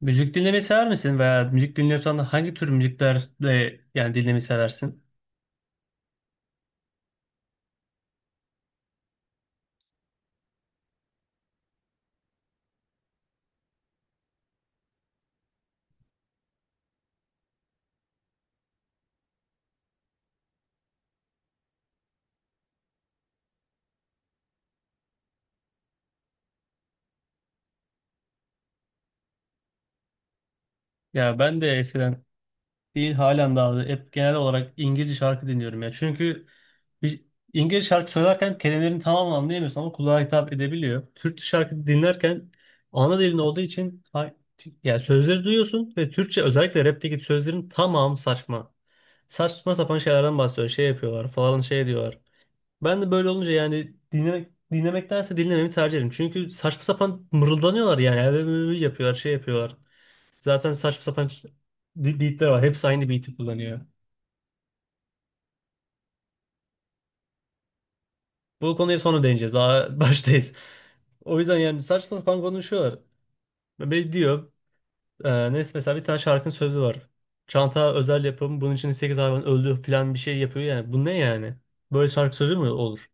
Müzik dinlemeyi sever misin veya müzik dinliyorsan da hangi tür müzikler de yani dinlemeyi seversin? Ya ben de eskiden değil halen daha hep genel olarak İngilizce şarkı dinliyorum ya. Çünkü bir İngilizce şarkı söylerken kelimelerin tamamen anlayamıyorsun ama kulağa hitap edebiliyor. Türkçe şarkı dinlerken ana dilin olduğu için yani sözleri duyuyorsun ve Türkçe özellikle rapteki sözlerin tamamı saçma. Saçma sapan şeylerden bahsediyor. Şey yapıyorlar falan şey diyorlar. Ben de böyle olunca yani dinlemek dinlemektense dinlememi tercih ederim. Çünkü saçma sapan mırıldanıyorlar yani. Ev yapıyorlar, şey yapıyorlar. Zaten saçma sapan beatler var. Hepsi aynı beat'i kullanıyor. Bu konuya sonra değineceğiz. Daha baştayız. O yüzden yani saçma sapan konuşuyorlar. Ve diyor, Neyse, mesela bir tane şarkının sözü var. Çanta özel yapım, bunun için 8 hayvan öldü falan bir şey yapıyor yani. Bu ne yani? Böyle şarkı sözü mü olur?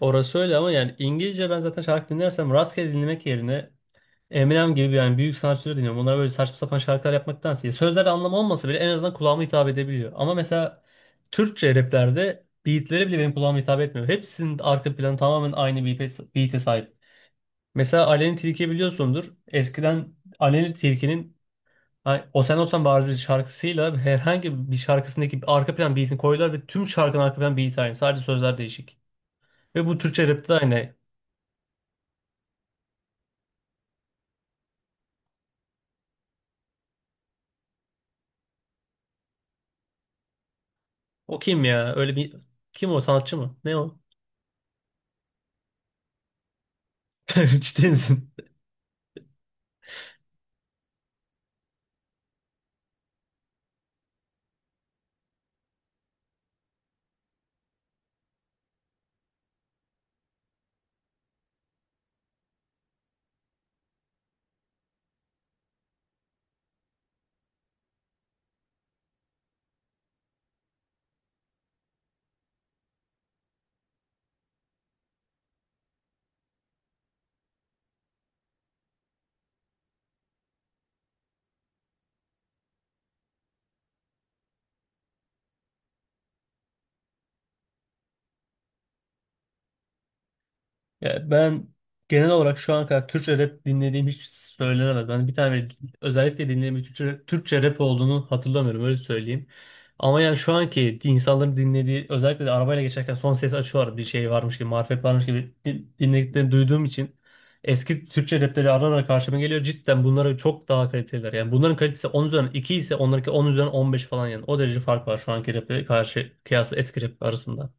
Orası öyle ama yani İngilizce ben zaten şarkı dinlersem rastgele dinlemek yerine Eminem gibi yani büyük sanatçıları dinliyorum. Onlar böyle saçma sapan şarkılar yapmaktansa. Sözler anlamı olmasa bile en azından kulağıma hitap edebiliyor. Ama mesela Türkçe raplerde beatleri bile benim kulağıma hitap etmiyor. Hepsinin arka planı tamamen aynı beat'e sahip. Mesela Aleni Tilki'yi biliyorsundur. Eskiden Aleni Tilki'nin hani O Sen Olsan Bari şarkısıyla herhangi bir şarkısındaki arka plan beat'ini koydular ve tüm şarkının arka plan beat aynı. Sadece sözler değişik. Ve bu Türkçe rapte de aynı. O kim ya? Öyle bir... Kim o? Sanatçı mı? Ne o? Ciddi misin? Ya ben genel olarak şu ana kadar Türkçe rap dinlediğim hiç söylenemez. Ben bir tane özellikle dinlediğim bir Türkçe rap olduğunu hatırlamıyorum öyle söyleyeyim. Ama yani şu anki insanların dinlediği özellikle de arabayla geçerken son ses açıyorlar bir şey varmış gibi marifet varmış gibi dinlediklerini duyduğum için eski Türkçe rapleri ara ara karşıma geliyor. Cidden bunlara çok daha kaliteliler. Yani bunların kalitesi 10 üzerinden 2 ise onlarınki 10 üzerinden 15 falan yani. O derece fark var şu anki rap'e karşı kıyasla eski rap arasında.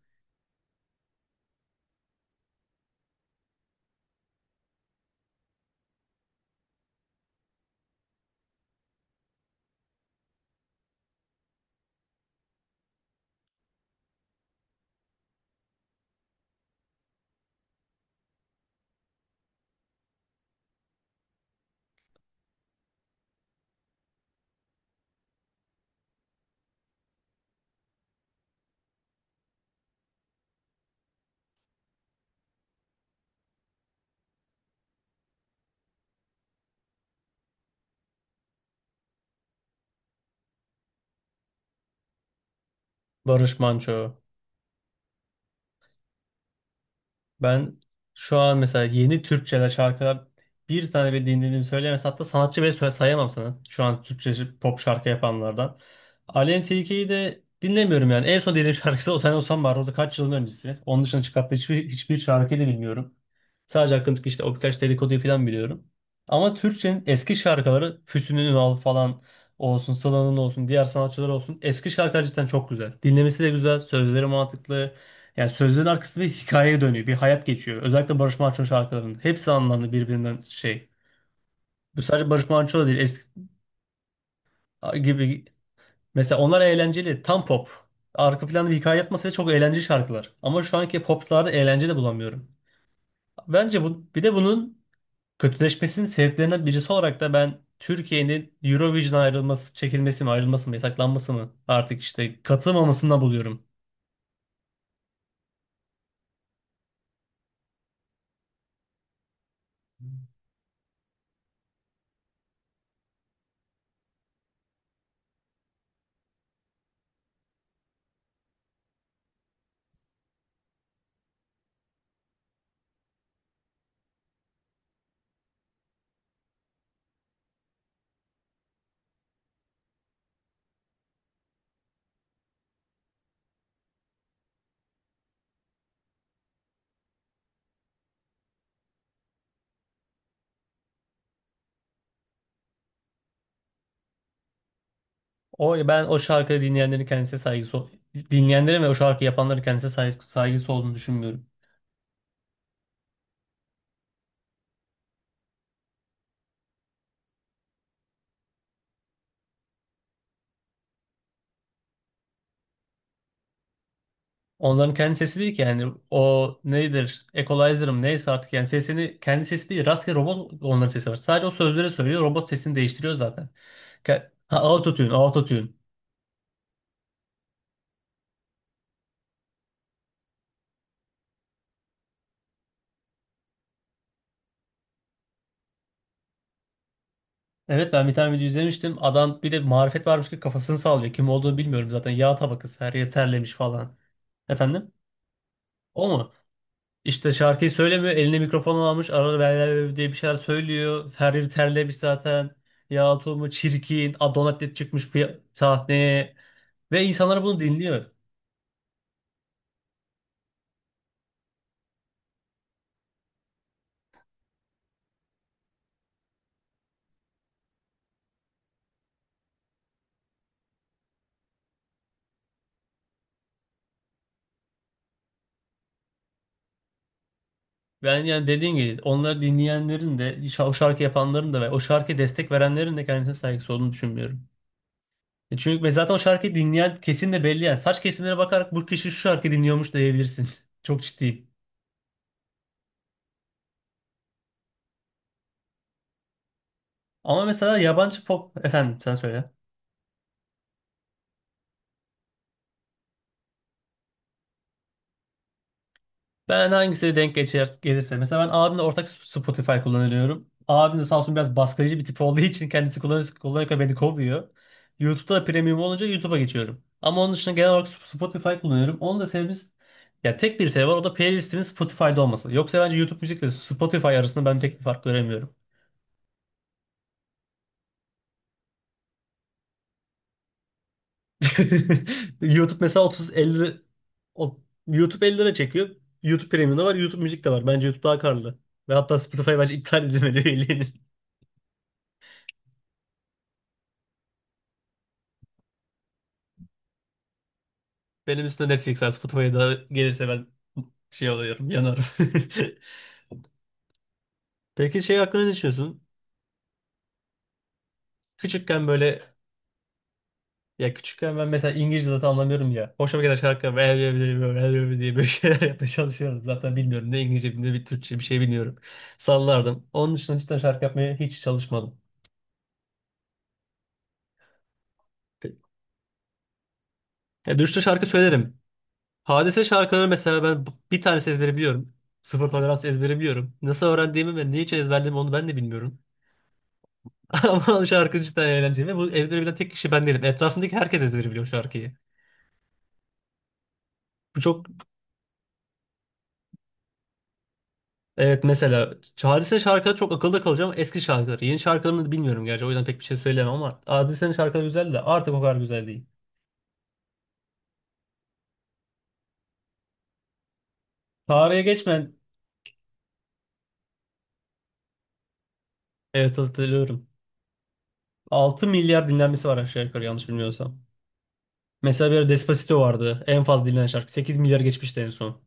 Barış Manço, ben şu an mesela yeni Türkçe'de şarkılar bir tane bile dinlediğimi söyleyemezsem hatta sanatçı bile sayamam sana. Şu an Türkçe pop şarkı yapanlardan. Aleyna Tilki'yi de dinlemiyorum yani. En son dediğim şarkısı O Sen Olsan var. O da kaç yılın öncesi. Onun dışında çıkarttığı hiçbir şarkıyı da bilmiyorum. Sadece hakkındaki işte o birkaç dedikoduyu falan biliyorum. Ama Türkçe'nin eski şarkıları Füsun'un Ünal falan olsun, Sıla'nın olsun, diğer sanatçılar olsun. Eski şarkılar cidden çok güzel. Dinlemesi de güzel, sözleri mantıklı. Yani sözlerin arkasında bir hikayeye dönüyor. Bir hayat geçiyor. Özellikle Barış Manço'nun şarkılarının. Hepsi anlamlı birbirinden şey. Bu sadece Barış Manço da değil. Eski gibi. Mesela onlar eğlenceli. Tam pop. Arka planda bir hikaye yatması ve çok eğlenceli şarkılar. Ama şu anki poplarda eğlence de bulamıyorum. Bence bu bir de bunun kötüleşmesinin sebeplerinden birisi olarak da ben Türkiye'nin Eurovision ayrılması, çekilmesi mi, ayrılması mı, yasaklanması mı artık işte katılmamasından buluyorum. O ben o şarkıyı dinleyenlerin kendisine dinleyenlerin ve o şarkı yapanların kendisine saygısı olduğunu düşünmüyorum. Onların kendi sesi değil ki yani o nedir? Equalizer'ım neyse artık yani sesini kendi sesi değil rastgele robot onların sesi var. Sadece o sözleri söylüyor robot sesini değiştiriyor zaten. Ha, autotune. Evet ben bir tane video izlemiştim. Adam bir de marifet varmış ki kafasını sallıyor. Kim olduğunu bilmiyorum zaten. Yağ tabakası her yer terlemiş falan. Efendim? O mu? İşte şarkıyı söylemiyor. Eline mikrofon almış. Arada böyle diye bir şeyler söylüyor. Her yeri terlemiş zaten. Ya tulumu çirkin. Adonatet çıkmış sahneye. Ve insanlar bunu dinliyor. Ben yani dediğim gibi onları dinleyenlerin de o şarkı yapanların da ve o şarkıya destek verenlerin de kendisine saygısı olduğunu düşünmüyorum. Çünkü ve zaten o şarkıyı dinleyen kesin de belli yani. Saç kesimlere bakarak bu kişi şu şarkıyı dinliyormuş diyebilirsin. Çok ciddiyim. Ama mesela yabancı pop... Efendim sen söyle. Ben hangisine denk geçer, gelirse. Mesela ben abimle ortak Spotify kullanıyorum. Abim de sağ olsun biraz baskıcı bir tip olduğu için kendisi kullanıyor, kullanırken beni kovuyor. YouTube'da da premium olunca YouTube'a geçiyorum. Ama onun dışında genel olarak Spotify kullanıyorum. Onun da sebebimiz ya tek bir sebebi var o da playlistimin Spotify'da olması. Yoksa bence YouTube müzik müzikle Spotify arasında ben pek bir fark göremiyorum. YouTube mesela 30-50 o- YouTube 50 lira çekiyor. YouTube Premium'da var, YouTube Müzik de var. Bence YouTube daha karlı. Ve hatta Spotify bence iptal edilmeli üyeliğini. Benim üstüne Netflix'e, Spotify'a da gelirse ben şey oluyorum, yanarım. Peki şey hakkında ne düşünüyorsun? Küçükken böyle ya küçükken ben mesela İngilizce zaten anlamıyorum ya. Hoşuma giden şarkılar böyle böyle böyle böyle böyle diye böyle şeyler yapmaya çalışıyorum. Zaten bilmiyorum ne İngilizce ne bir Türkçe bir şey bilmiyorum. Sallardım. Onun dışında cidden şarkı yapmaya hiç çalışmadım. Ya dürüstçe şarkı söylerim. Hadise şarkıları mesela ben bir tanesi ezbere biliyorum. Sıfır tolerans ezbere biliyorum. Nasıl öğrendiğimi ve niçin ezberlediğimi onu ben de bilmiyorum. Ama şarkı cidden eğlenceli ve bu ezbere bilen tek kişi ben değilim. Etrafımdaki herkes ezbere biliyor şarkıyı. Bu çok evet mesela Hadise şarkıları çok akılda kalıcı ama eski şarkıları. Yeni şarkılarını da bilmiyorum gerçi o yüzden pek bir şey söyleyemem ama Hadise'nin şarkıları güzel de artık o kadar güzel değil. Tarihe geçmen evet hatırlıyorum. 6 milyar dinlenmesi var aşağı yukarı yanlış bilmiyorsam. Mesela bir ara Despacito vardı. En fazla dinlenen şarkı. 8 milyar geçmişti en son.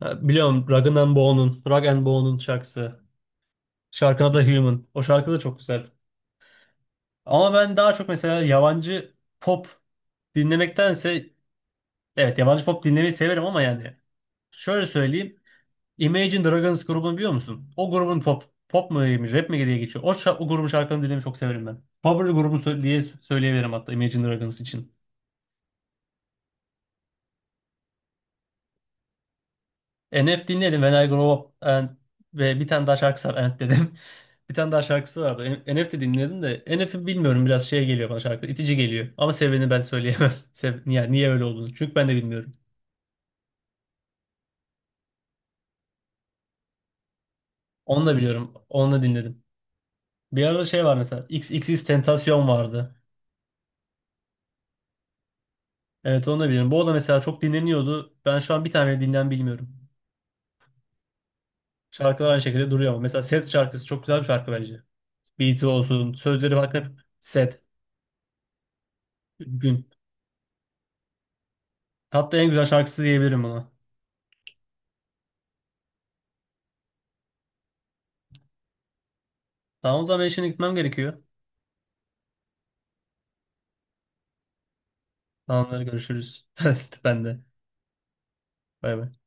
Ha, biliyorum Rag and Bone'un şarkısı. Şarkının adı da Human. O şarkı da çok güzel. Ama ben daha çok mesela yabancı pop dinlemektense evet yabancı pop dinlemeyi severim ama yani şöyle söyleyeyim. Imagine Dragons grubunu biliyor musun? O grubun pop mu diyeyim, rap mi diye geçiyor. O, o grubun şarkılarını dinlemeyi çok severim ben. Favori grubum diye söyleyebilirim hatta Imagine Dragons için. NF dinledim When I Grow Up and, ve bir tane daha şarkısı var And dedim. Bir tane daha şarkısı vardı. NF de dinledim de NF'i bilmiyorum biraz şey geliyor bana şarkı itici geliyor. Ama sebebini ben söyleyemem. Yani niye öyle olduğunu. Çünkü ben de bilmiyorum. Onu da biliyorum. Onu da dinledim. Bir arada şey var mesela. XXX Tentasyon vardı. Evet onu da biliyorum. Bu da mesela çok dinleniyordu. Ben şu an bir tane dinlen bilmiyorum. Şarkılar aynı şekilde duruyor ama. Mesela Set şarkısı çok güzel bir şarkı bence. Beat'i olsun. Sözleri bak hep Set. Gün. Hatta en güzel şarkısı diyebilirim buna. Tamam o zaman ben şimdi gitmem gerekiyor. Tamamdır görüşürüz. Ben de. Bay bay.